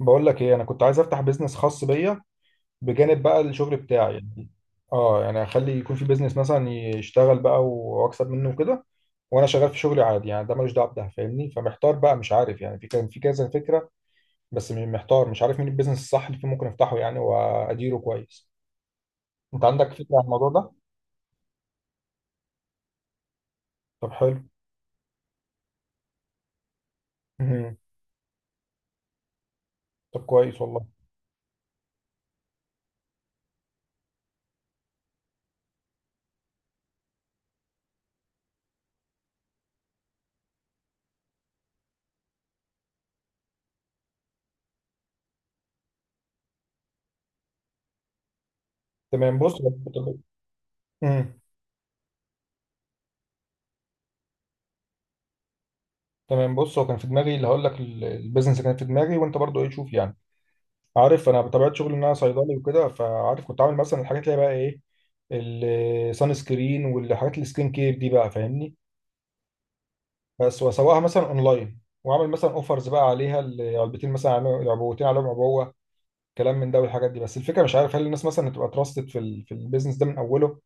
بقول لك ايه، انا كنت عايز افتح بيزنس خاص بيا بجانب بقى الشغل بتاعي يعني. اه يعني اخلي يكون في بيزنس مثلا يشتغل بقى واكسب منه وكده، وانا شغال في شغلي عادي. يعني ده ملوش دعوه بده فاهمني، فمحتار بقى مش عارف. يعني كان في كذا فكره، بس محتار مش عارف مين البيزنس الصح اللي فيه ممكن افتحه يعني واديره كويس. انت عندك فكره عن الموضوع ده؟ طب حلو. مهم. طب كويس والله. تمام بص. مم. تمام. بص هو كان في دماغي اللي هقول لك، البيزنس اللي كان في دماغي. وانت برضو ايه، شوف يعني، عارف انا بطبيعه شغلي ان انا صيدلي وكده، فعارف كنت عامل مثلا الحاجات اللي هي بقى ايه، السان سكرين والحاجات السكين كير دي، بقى فاهمني. بس واسوقها مثلا اونلاين واعمل مثلا اوفرز بقى عليها، علبتين مثلا العبوتين عليهم عبوه. كلام من ده والحاجات دي. بس الفكره مش عارف هل الناس مثلا هتبقى تراستد في البيزنس ده من اوله،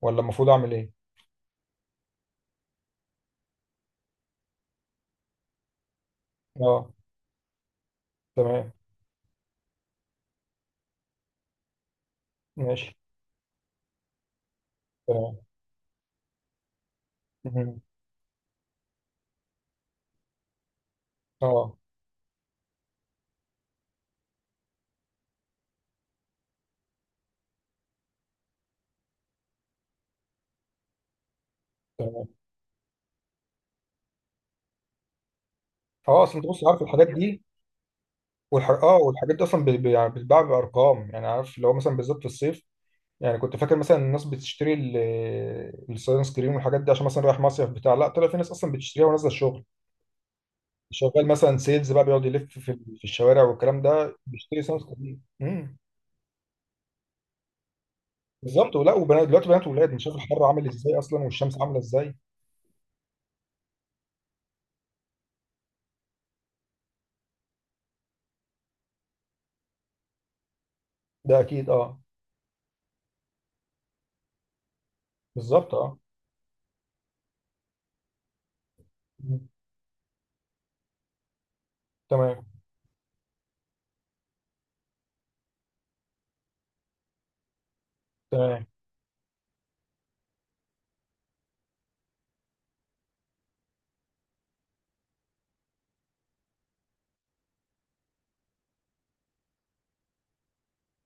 ولا المفروض اعمل ايه؟ اه تمام ماشي. تمام مهم. اه تمام. اه اصل انت بص عارف الحاجات دي. والحاجات دي اصلا يعني بتتباع بارقام يعني، عارف اللي هو مثلا بالذات في الصيف. يعني كنت فاكر مثلا الناس بتشتري الصيانة سكرين والحاجات دي عشان مثلا رايح مصيف بتاع. لا، طلع في ناس اصلا بتشتريها ونازله الشغل، شغال مثلا سيلز بقى بيقعد يلف في الشوارع والكلام ده، بيشتري صيانة سكرين. بالظبط، ولا وبنات. دلوقتي بنات وولاد مش شايف الحر عامل ازاي اصلا والشمس عامله ازاي. ده اكيد، اه. بالظبط، اه. مم. تمام. تمام.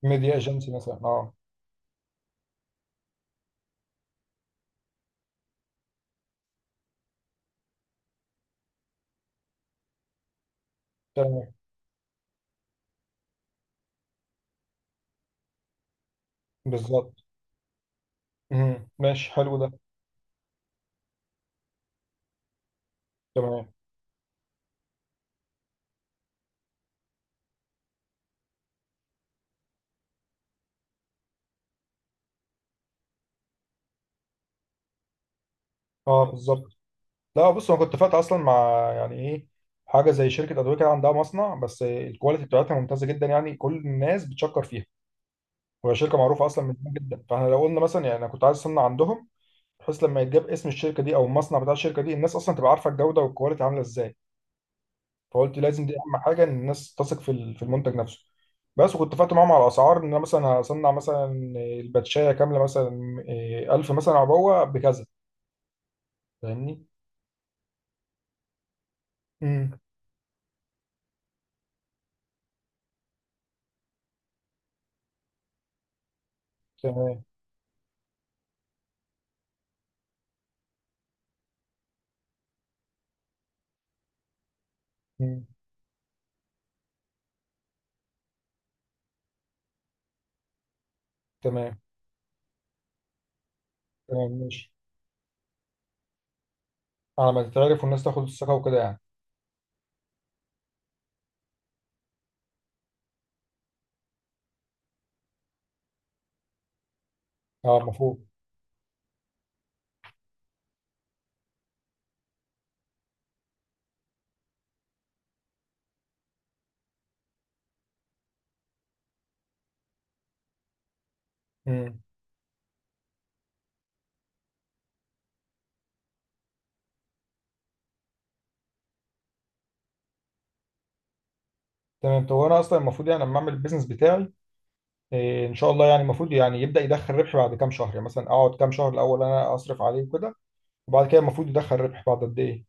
ميديا ايجنسي مثلا، اه. تمام. بالظبط. ماشي، حلو ده. تمام، اه. بالظبط. لا بص، انا كنت فات اصلا مع، يعني ايه، حاجه زي شركه ادويه كده عندها مصنع، بس الكواليتي بتاعتها ممتازه جدا، يعني كل الناس بتشكر فيها، وهي شركه معروفه اصلا من زمان جدا. فاحنا لو قلنا مثلا، يعني انا كنت عايز اصنع عندهم، بحيث لما يتجاب اسم الشركه دي او المصنع بتاع الشركه دي، الناس اصلا تبقى عارفه الجوده والكواليتي عامله ازاي. فقلت لازم دي اهم حاجه، ان الناس تثق في المنتج نفسه. بس، وكنت فاتح معاهم على الاسعار، ان انا مثلا هصنع مثلا الباتشايه كامله، مثلا 1000 مثلا عبوه بكذا. فاهمني؟ امم. تمام. امم. تمام. تمام ماشي، على ما تتعرف والناس تاخد الثقه وكده يعني. اه المفروض. امم. تمام. طب وانا اصلا المفروض يعني لما اعمل البيزنس بتاعي، ان شاء الله يعني، المفروض يعني يبدا يدخل ربح بعد كام شهر؟ يعني مثلا اقعد كام شهر الاول انا اصرف عليه وكده، وبعد كده المفروض يدخل ربح بعد قد ايه؟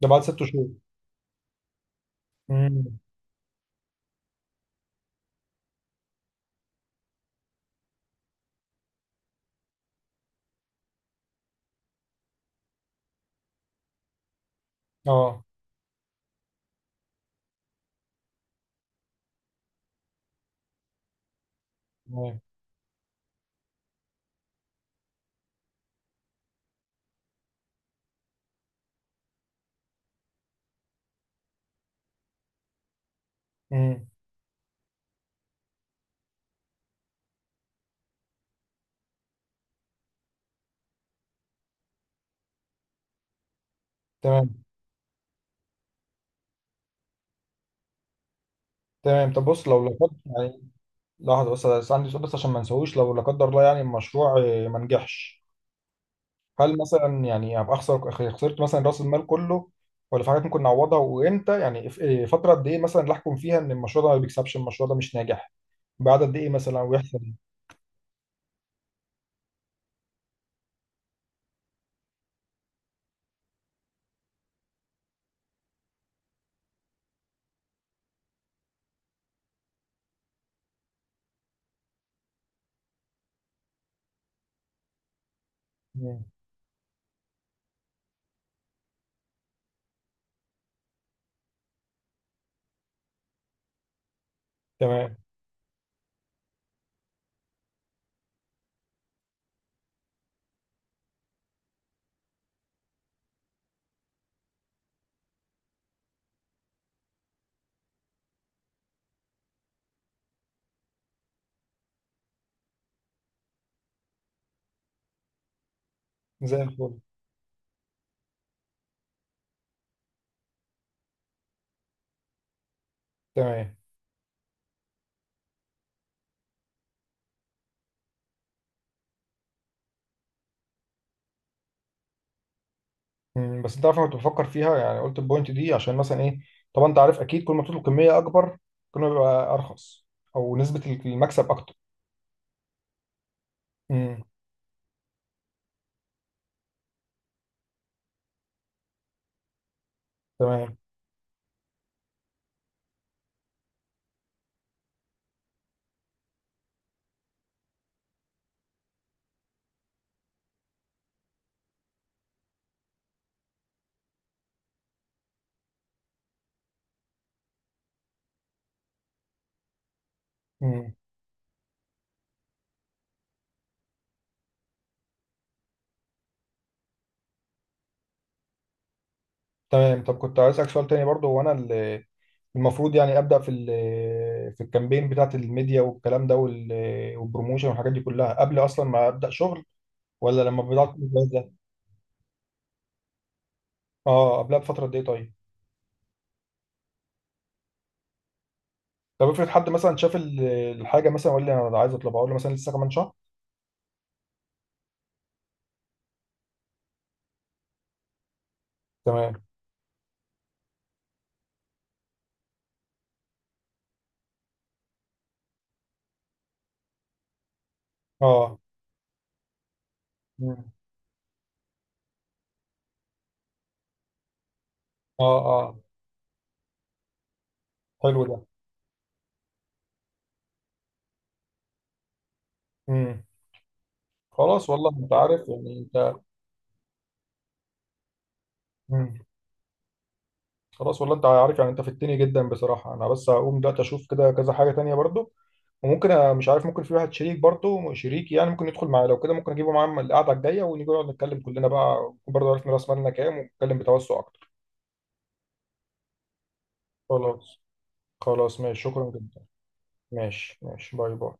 ده بعد 6 شهور؟ امم. اه تمام. امم. تمام. تمام طب، بص لو لا قدر يعني. لحظه بس، عندي سؤال بس عشان ما نسويش، لو لا قدر الله يعني المشروع ما نجحش، هل مثلا يعني ابقى خسرت مثلا راس المال كله، ولا في حاجات ممكن نعوضها؟ وامتى يعني، في- إيه فتره قد ايه مثلا اللي احكم فيها ان المشروع ده ما بيكسبش، المشروع ده مش ناجح؟ بعد قد ايه مثلا، ويحصل إيه؟ مم. تمام زي الفل. تمام. مم. بس انت عارف، انا كنت بفكر فيها يعني. قلت البوينت دي عشان مثلا ايه، طبعا انت عارف اكيد كل ما بتطلب كميه اكبر كل ما بيبقى ارخص، او نسبه المكسب اكتر. مم. تمام. مم. تمام. طب كنت عايز اسالك سؤال تاني برضو، هو انا المفروض يعني ابدا في الكامبين بتاعت الميديا والكلام ده وال- والبروموشن والحاجات دي كلها قبل اصلا ما ابدا شغل، ولا لما بدات الجهاز ده؟ اه قبلها بفتره قد ايه طيب؟ طب افرض حد مثلا شاف الحاجه مثلا وقال لي انا عايز اطلبها، اقول له مثلا لسه كمان شهر؟ تمام، اه. مم. اه اه، حلو ده. امم. خلاص والله، انت عارف يعني انت. مم. خلاص والله، انت عارف يعني، انت فدتني جدا بصراحه. انا بس هقوم دلوقتي اشوف كده كذا حاجه تانية برضو، وممكن مش عارف، ممكن في واحد شريك، برضو شريك يعني ممكن يدخل معايا. لو كده ممكن اجيبه معايا القعده الجايه، ونيجي نقعد نتكلم كلنا بقى برضه، عرفنا راس مالنا كام ونتكلم بتوسع اكتر. خلاص. خلاص ماشي، شكرا جدا. ماشي ماشي، باي باي.